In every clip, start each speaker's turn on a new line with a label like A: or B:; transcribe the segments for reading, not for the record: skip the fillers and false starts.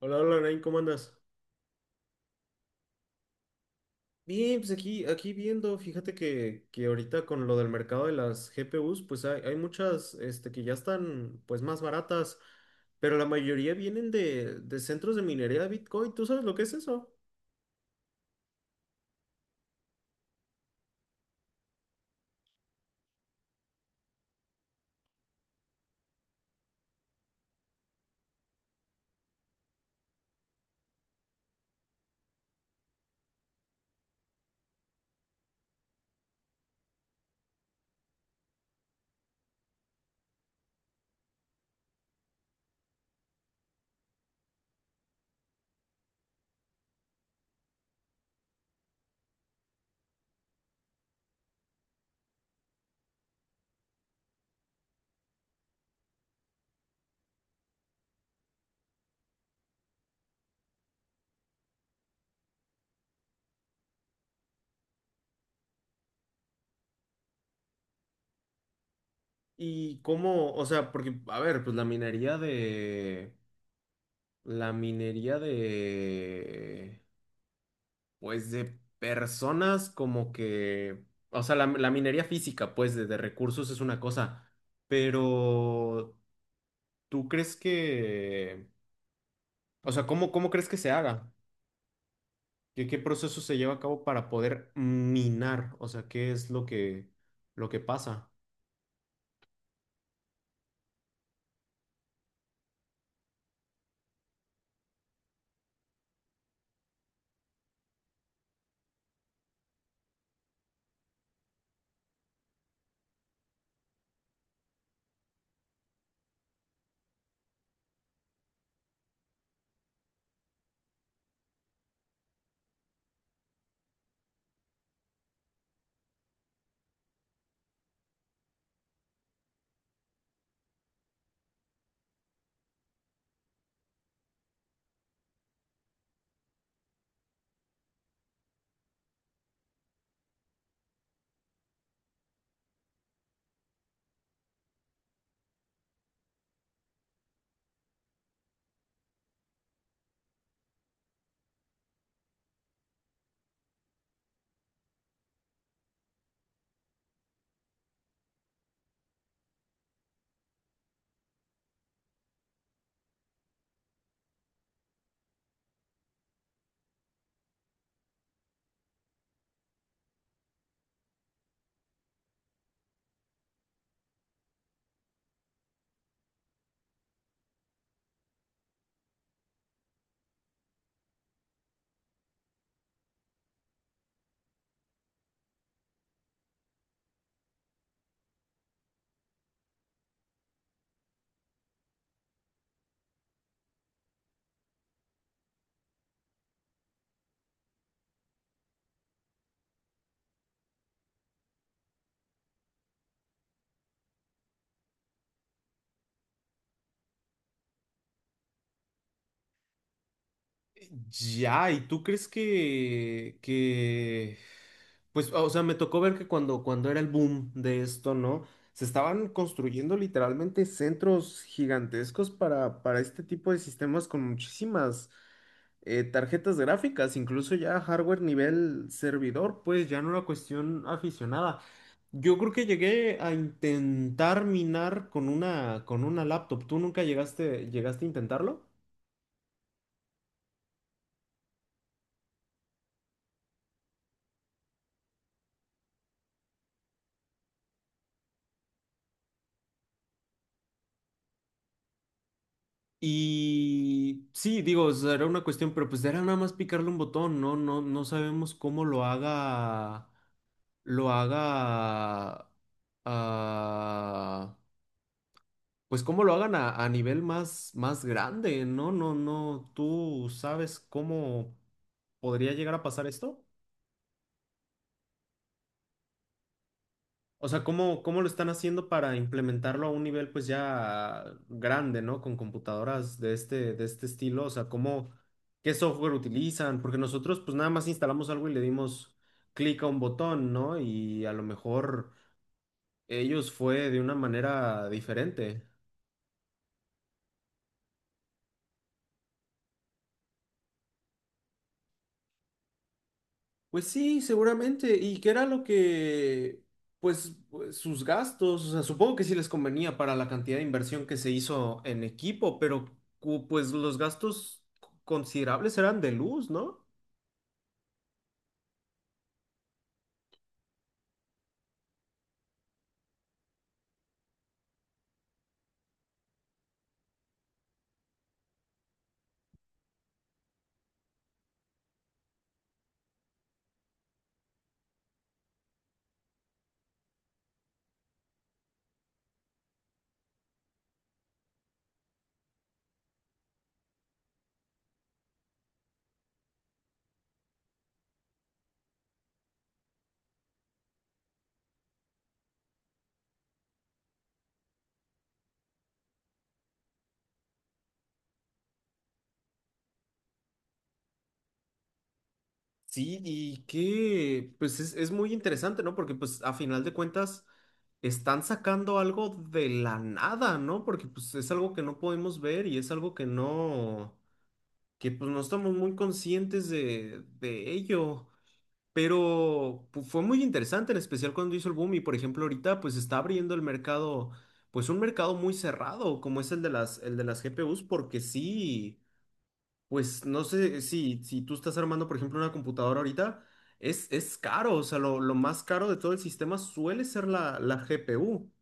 A: Hola, hola, Nain, ¿cómo andas? Bien, pues aquí viendo, fíjate que ahorita con lo del mercado de las GPUs, pues hay muchas que ya están pues más baratas, pero la mayoría vienen de centros de minería de Bitcoin. ¿Tú sabes lo que es eso? Y cómo, o sea, porque, a ver, pues la minería de, pues de personas como que, o sea, la minería física, pues de recursos es una cosa. Pero ¿tú crees que, o sea, cómo, cómo crees que se haga? ¿Qué, qué proceso se lleva a cabo para poder minar? O sea, ¿qué es lo que pasa? Ya, ¿y tú crees pues, o sea, me tocó ver que cuando era el boom de esto, ¿no? Se estaban construyendo literalmente centros gigantescos para este tipo de sistemas con muchísimas tarjetas gráficas, incluso ya hardware nivel servidor, pues ya no era cuestión aficionada. Yo creo que llegué a intentar minar con una laptop. ¿Tú nunca llegaste a intentarlo? Y sí, digo, será una cuestión, pero pues era nada más picarle un botón, ¿no? No, no sabemos cómo lo haga, ah, pues cómo lo hagan a nivel más, más grande, ¿no? No, no, ¿tú sabes cómo podría llegar a pasar esto? O sea, ¿cómo, cómo lo están haciendo para implementarlo a un nivel pues ya grande, ¿no? Con computadoras de este estilo. O sea, ¿cómo, qué software utilizan? Porque nosotros pues nada más instalamos algo y le dimos clic a un botón, ¿no? Y a lo mejor ellos fue de una manera diferente. Pues sí, seguramente. ¿Y qué era lo que, sus gastos? O sea, supongo que sí les convenía para la cantidad de inversión que se hizo en equipo, pero pues los gastos considerables eran de luz, ¿no? Sí, y que, pues es muy interesante, ¿no? Porque pues a final de cuentas están sacando algo de la nada, ¿no? Porque pues es algo que no podemos ver y es algo que no, que pues no estamos muy conscientes de ello. Pero fue muy interesante, en especial cuando hizo el boom y por ejemplo ahorita pues está abriendo el mercado, pues un mercado muy cerrado como es el de las GPUs, porque sí, pues no sé si tú estás armando por ejemplo una computadora ahorita, es caro, o sea, lo más caro de todo el sistema suele ser la GPU.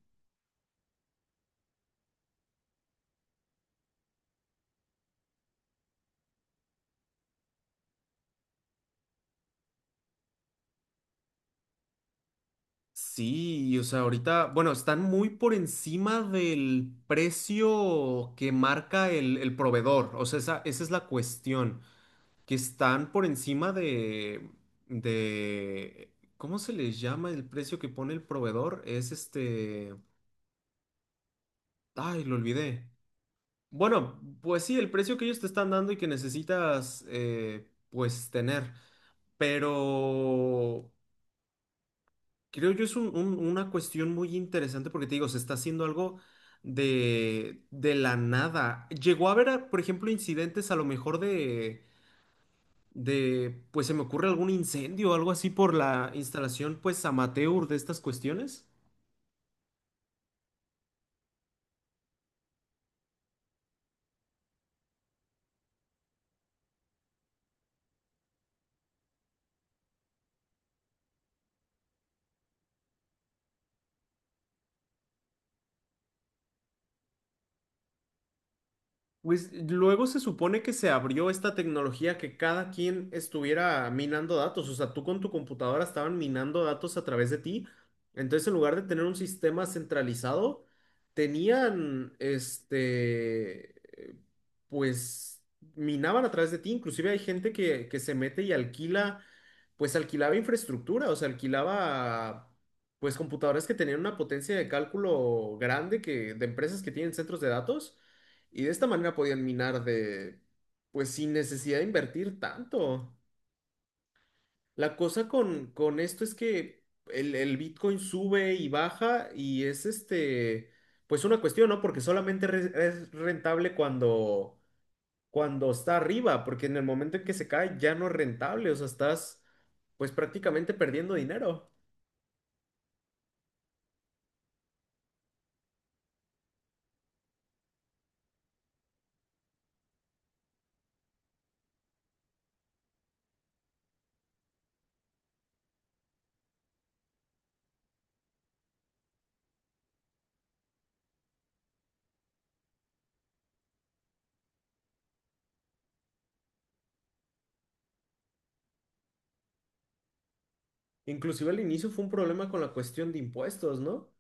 A: Sí, o sea, ahorita, bueno, están muy por encima del precio que marca el proveedor, o sea, esa es la cuestión. Que están por encima de ¿cómo se les llama el precio que pone el proveedor? Es este, ay, lo olvidé. Bueno, pues sí, el precio que ellos te están dando y que necesitas, pues, tener. Pero creo yo es una cuestión muy interesante porque te digo, se está haciendo algo de la nada. Llegó a haber, por ejemplo, incidentes a lo mejor pues se me ocurre algún incendio o algo así por la instalación, pues amateur de estas cuestiones. Pues luego se supone que se abrió esta tecnología que cada quien estuviera minando datos, o sea, tú con tu computadora estaban minando datos a través de ti. Entonces, en lugar de tener un sistema centralizado, tenían, eh, pues minaban a través de ti. Inclusive hay gente que se mete y alquila, pues alquilaba infraestructura, o sea, alquilaba, pues computadoras que tenían una potencia de cálculo grande que, de empresas que tienen centros de datos y de esta manera podían minar de, pues sin necesidad de invertir tanto. La cosa con esto es que el Bitcoin sube y baja y es este, pues una cuestión, ¿no? Porque solamente es rentable cuando está arriba, porque en el momento en que se cae ya no es rentable, o sea, estás pues prácticamente perdiendo dinero. Inclusive al inicio fue un problema con la cuestión de impuestos, ¿no?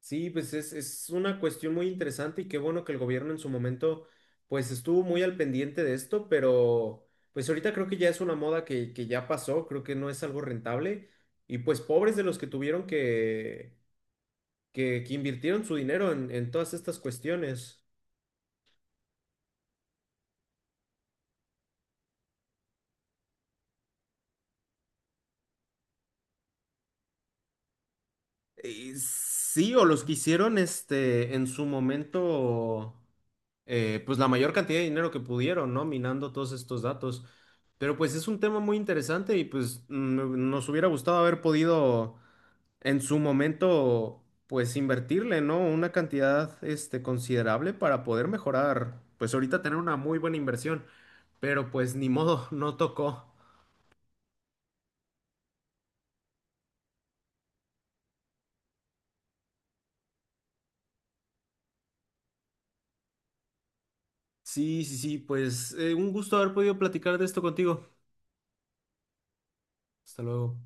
A: Sí, pues es una cuestión muy interesante y qué bueno que el gobierno en su momento pues estuvo muy al pendiente de esto, pero pues ahorita creo que ya es una moda que ya pasó, creo que no es algo rentable y pues pobres de los que tuvieron que invirtieron su dinero en todas estas cuestiones. Sí, o los que hicieron este en su momento. Pues la mayor cantidad de dinero que pudieron, ¿no? Minando todos estos datos. Pero pues es un tema muy interesante y pues nos hubiera gustado haber podido en su momento pues invertirle, ¿no? Una cantidad este considerable para poder mejorar, pues ahorita tener una muy buena inversión, pero pues ni modo, no tocó. Sí, sí, sí, pues un gusto haber podido platicar de esto contigo. Hasta luego.